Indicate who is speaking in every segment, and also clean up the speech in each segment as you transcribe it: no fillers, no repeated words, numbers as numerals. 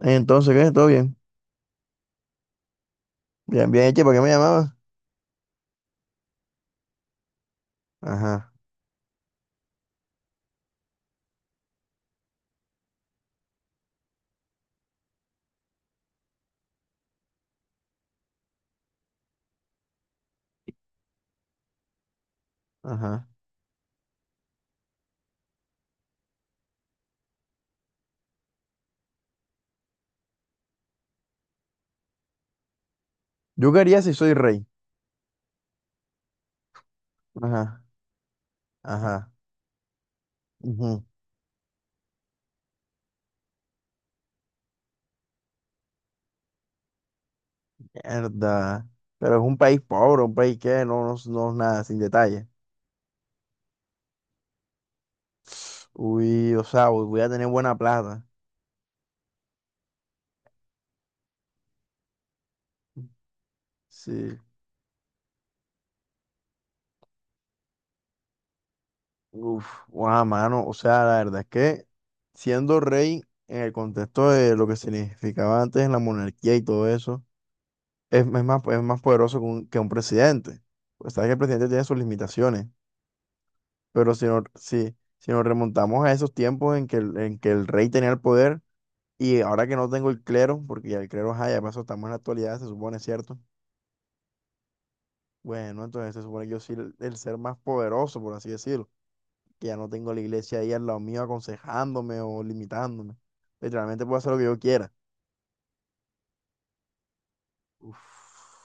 Speaker 1: Entonces, ¿qué? ¿Todo bien? Bien, bien, che, ¿para qué me llamabas? Ajá, ajá. Yo quería si soy rey. Ajá, ajá. Ujú. Mierda. Pero es un país pobre, un país que no es nada, sin detalle. Uy, o sea, voy a tener buena plata. Sí. Uf, guau, mano. O sea, la verdad es que siendo rey en el contexto de lo que significaba antes en la monarquía y todo eso, es más poderoso que un presidente. Pues sabes que el presidente tiene sus limitaciones. Pero si no, si nos remontamos a esos tiempos en que, en que el rey tenía el poder y ahora que no tengo el clero, porque ya el clero, ajá, ya pasó, estamos en la actualidad, se supone, ¿cierto? Bueno, entonces se supone que yo soy el ser más poderoso, por así decirlo, que ya no tengo la iglesia ahí al lado mío aconsejándome o limitándome. Literalmente puedo hacer lo que yo quiera. Uf,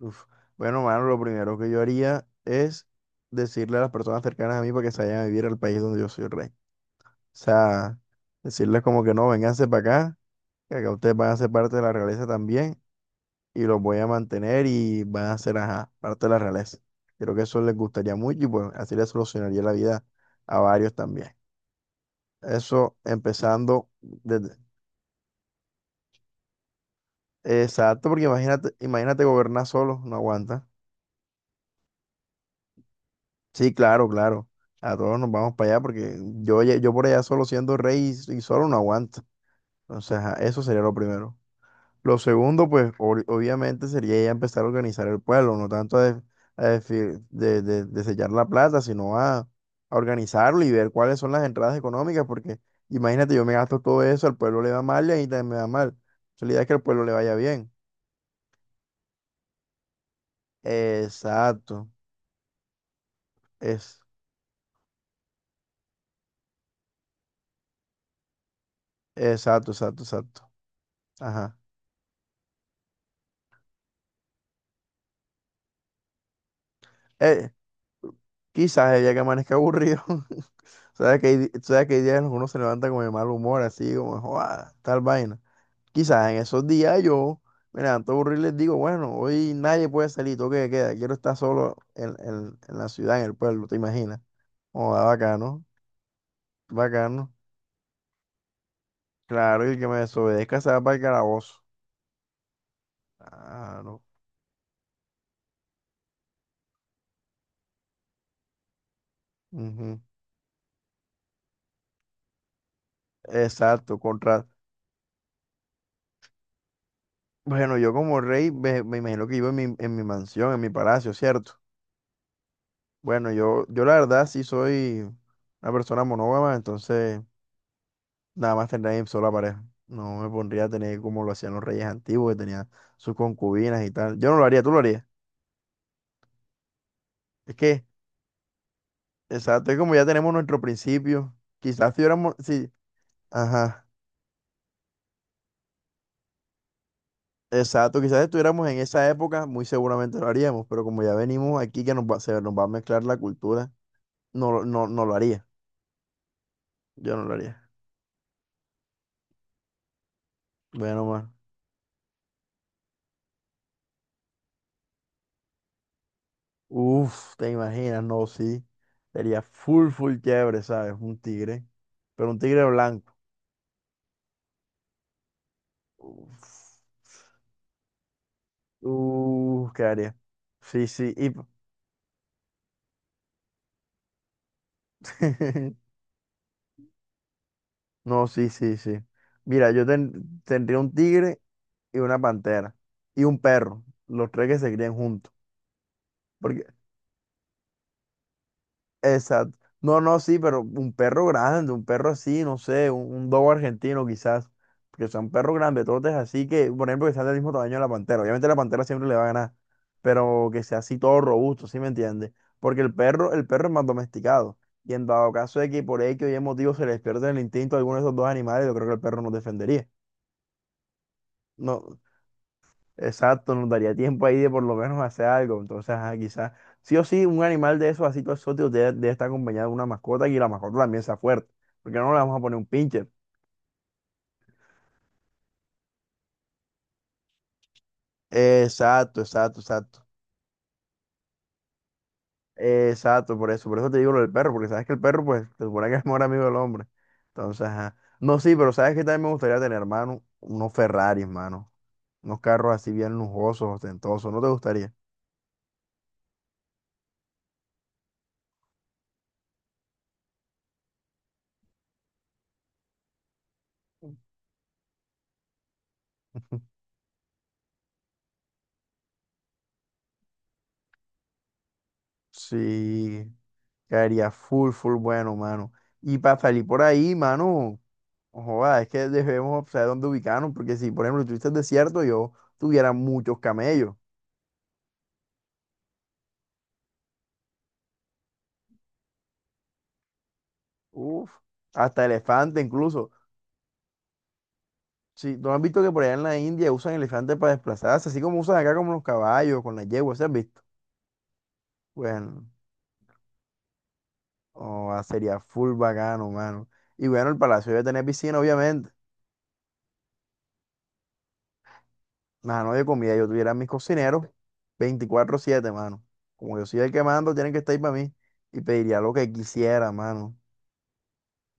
Speaker 1: uf. Bueno, mano, lo primero que yo haría es decirle a las personas cercanas a mí para que se vayan a vivir al país donde yo soy el rey. O sea, decirles como que no, vénganse para acá, que acá ustedes van a ser parte de la realeza también y los voy a mantener y van a ser, ajá, parte de la realeza. Creo que eso les gustaría mucho y pues así les solucionaría la vida a varios también. Eso empezando desde... Exacto, porque imagínate, imagínate gobernar solo, no aguanta. Sí, claro, claro. A todos nos vamos para allá porque yo, yo por allá solo siendo rey y solo no aguanta. Entonces, ajá, eso sería lo primero. Lo segundo, pues obviamente sería ya empezar a organizar el pueblo, no tanto a desellar la plata, sino a organizarlo y ver cuáles son las entradas económicas, porque imagínate, yo me gasto todo eso, al pueblo le va mal y a mí también me va mal. Entonces, la idea es que al pueblo le vaya bien. Exacto, es, exacto. Ajá. Eh, quizás el día que amanezca aburrido, sabes que hay, sabes que hay días en los que uno se levanta con el mal humor, así como, "Joda, tal vaina". Quizás en esos días yo me levanto aburrido y les digo, bueno, hoy nadie puede salir, toque de queda, quiero estar solo en, en la ciudad, en el pueblo, ¿te imaginas? Oh, ah, bacano, bacano. Claro, y el que me desobedezca se va para el calabozo. Claro. Ujú. Exacto, contra... Bueno, yo como rey me imagino que vivo en mi mansión, en mi palacio, ¿cierto? Bueno, yo la verdad sí soy una persona monógama, entonces... Nada más tendría mi sola pareja. No me pondría a tener como lo hacían los reyes antiguos, que tenían sus concubinas y tal. Yo no lo haría, tú lo harías. Es que, exacto, es como ya tenemos nuestro principio. Quizás tuviéramos, sí, ajá, exacto, quizás estuviéramos en esa época, muy seguramente lo haríamos, pero como ya venimos aquí que nos va, se nos va a mezclar la cultura, no, no lo haría. Yo no lo haría. Bueno, man. Uf, te imaginas, no, sí. Sería full, full chévere, ¿sabes? Un tigre, pero un tigre blanco. Uf. Qué área. Sí, sí. Y... No, sí, sí, sí. Mira, yo tendría un tigre y una pantera y un perro, los tres que se crían juntos. Porque... Exacto. No, no, sí, pero un perro grande, un perro así, no sé, un dogo argentino quizás, porque son perros grandototes así que, por ejemplo, que sean del mismo tamaño de la pantera. Obviamente la pantera siempre le va a ganar, pero que sea así todo robusto, ¿sí me entiendes? Porque el perro es más domesticado. Y en dado caso de que por X o Y motivo se les pierda el instinto a alguno de esos dos animales, yo creo que el perro nos defendería. No, exacto, nos daría tiempo ahí de por lo menos hacer algo. Entonces, ajá, quizás, sí o sí, un animal de esos así todos exóticos debe estar acompañado de una mascota y la mascota también sea fuerte. Porque no le vamos a poner un pinche. Exacto, exacto, exacto. Exacto, por eso te digo lo del perro, porque sabes que el perro, pues, se supone que es mejor amigo del hombre. Entonces, ajá. No, sí, pero sabes que también me gustaría tener, hermano, unos Ferraris, mano. Unos carros así bien lujosos, ostentosos. ¿No te gustaría? Sí. Caería full, full bueno, mano. Y para salir por ahí, mano, joda, es que debemos saber dónde ubicarnos, porque si, por ejemplo, estuviste desierto, yo tuviera muchos camellos. Uf, hasta elefante incluso. Si tú has visto que por allá en la India usan elefantes para desplazarse, así como usan acá como los caballos, con las yeguas, ¿sí has visto? Bueno, joda, sería full bacano, mano. Y bueno, el palacio debe tener piscina, obviamente. Mano, de comida, yo tuviera mis cocineros 24/7, mano. Como yo soy el que mando, tienen que estar ahí para mí y pediría lo que quisiera, mano.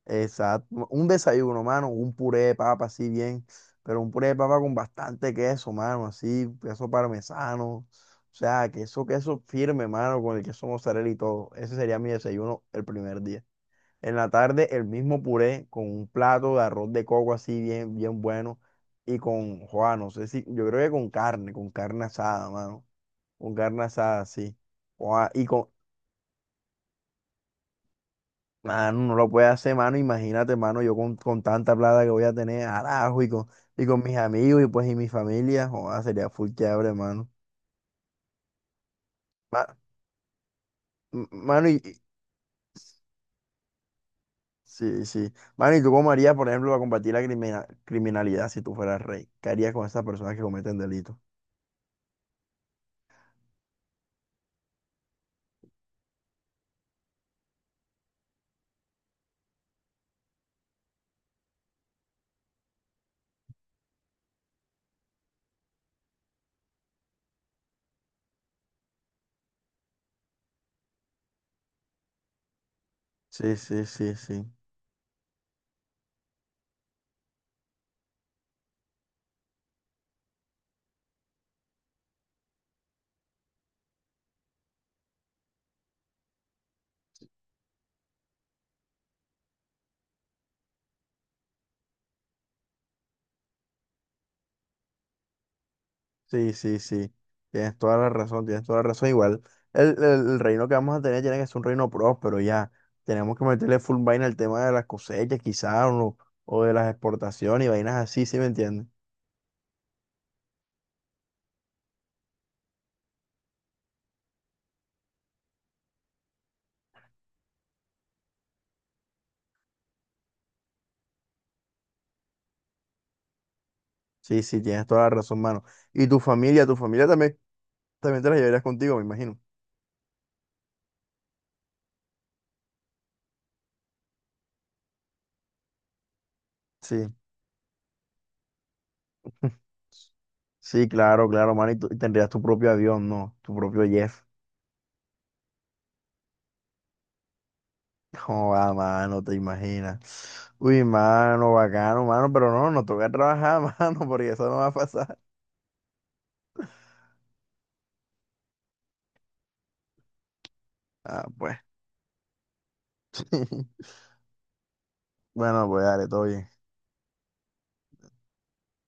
Speaker 1: Exacto. Un desayuno, mano, un puré de papa, así bien, pero un puré de papa con bastante queso, mano, así, queso parmesano. O sea, queso firme, mano, con el queso mozzarella y todo. Ese sería mi desayuno el primer día. En la tarde el mismo puré con un plato de arroz de coco así bien, bien bueno y con, Juan, no sé si, yo creo que con carne asada, mano, con carne asada, sí. Joa, y con, mano, no lo puede hacer, mano, imagínate, mano, yo con tanta plata que voy a tener, arajo, y con mis amigos y pues y mi familia, Joa, sería full chévere, mano. Ma- mano, y... sí, sí. Mano, ¿y tú cómo harías, por ejemplo, para combatir la criminalidad si tú fueras rey? ¿Qué harías con esas personas que cometen delitos? Sí, sí, sí, sí. Sí, sí, sí. Tienes toda la razón, tienes toda la razón. Igual, el, el- el reino que vamos a tener tiene que ser un reino próspero, ya. Tenemos que meterle full vaina al tema de las cosechas, quizás, o de las exportaciones y vainas así, ¿sí me entiendes? Sí, sí, tienes toda la razón, mano. Y tu familia también, también te la llevarías contigo, me imagino. Sí, sí, claro, claro, mano. Y, y tendrías tu propio avión, ¿no? Tu propio jet. Joda, mano, te imaginas. Uy, mano, bacano, mano, pero no, nos toca trabajar, mano, porque eso no va a pasar. Ah, pues. Bueno, pues dale, todo bien.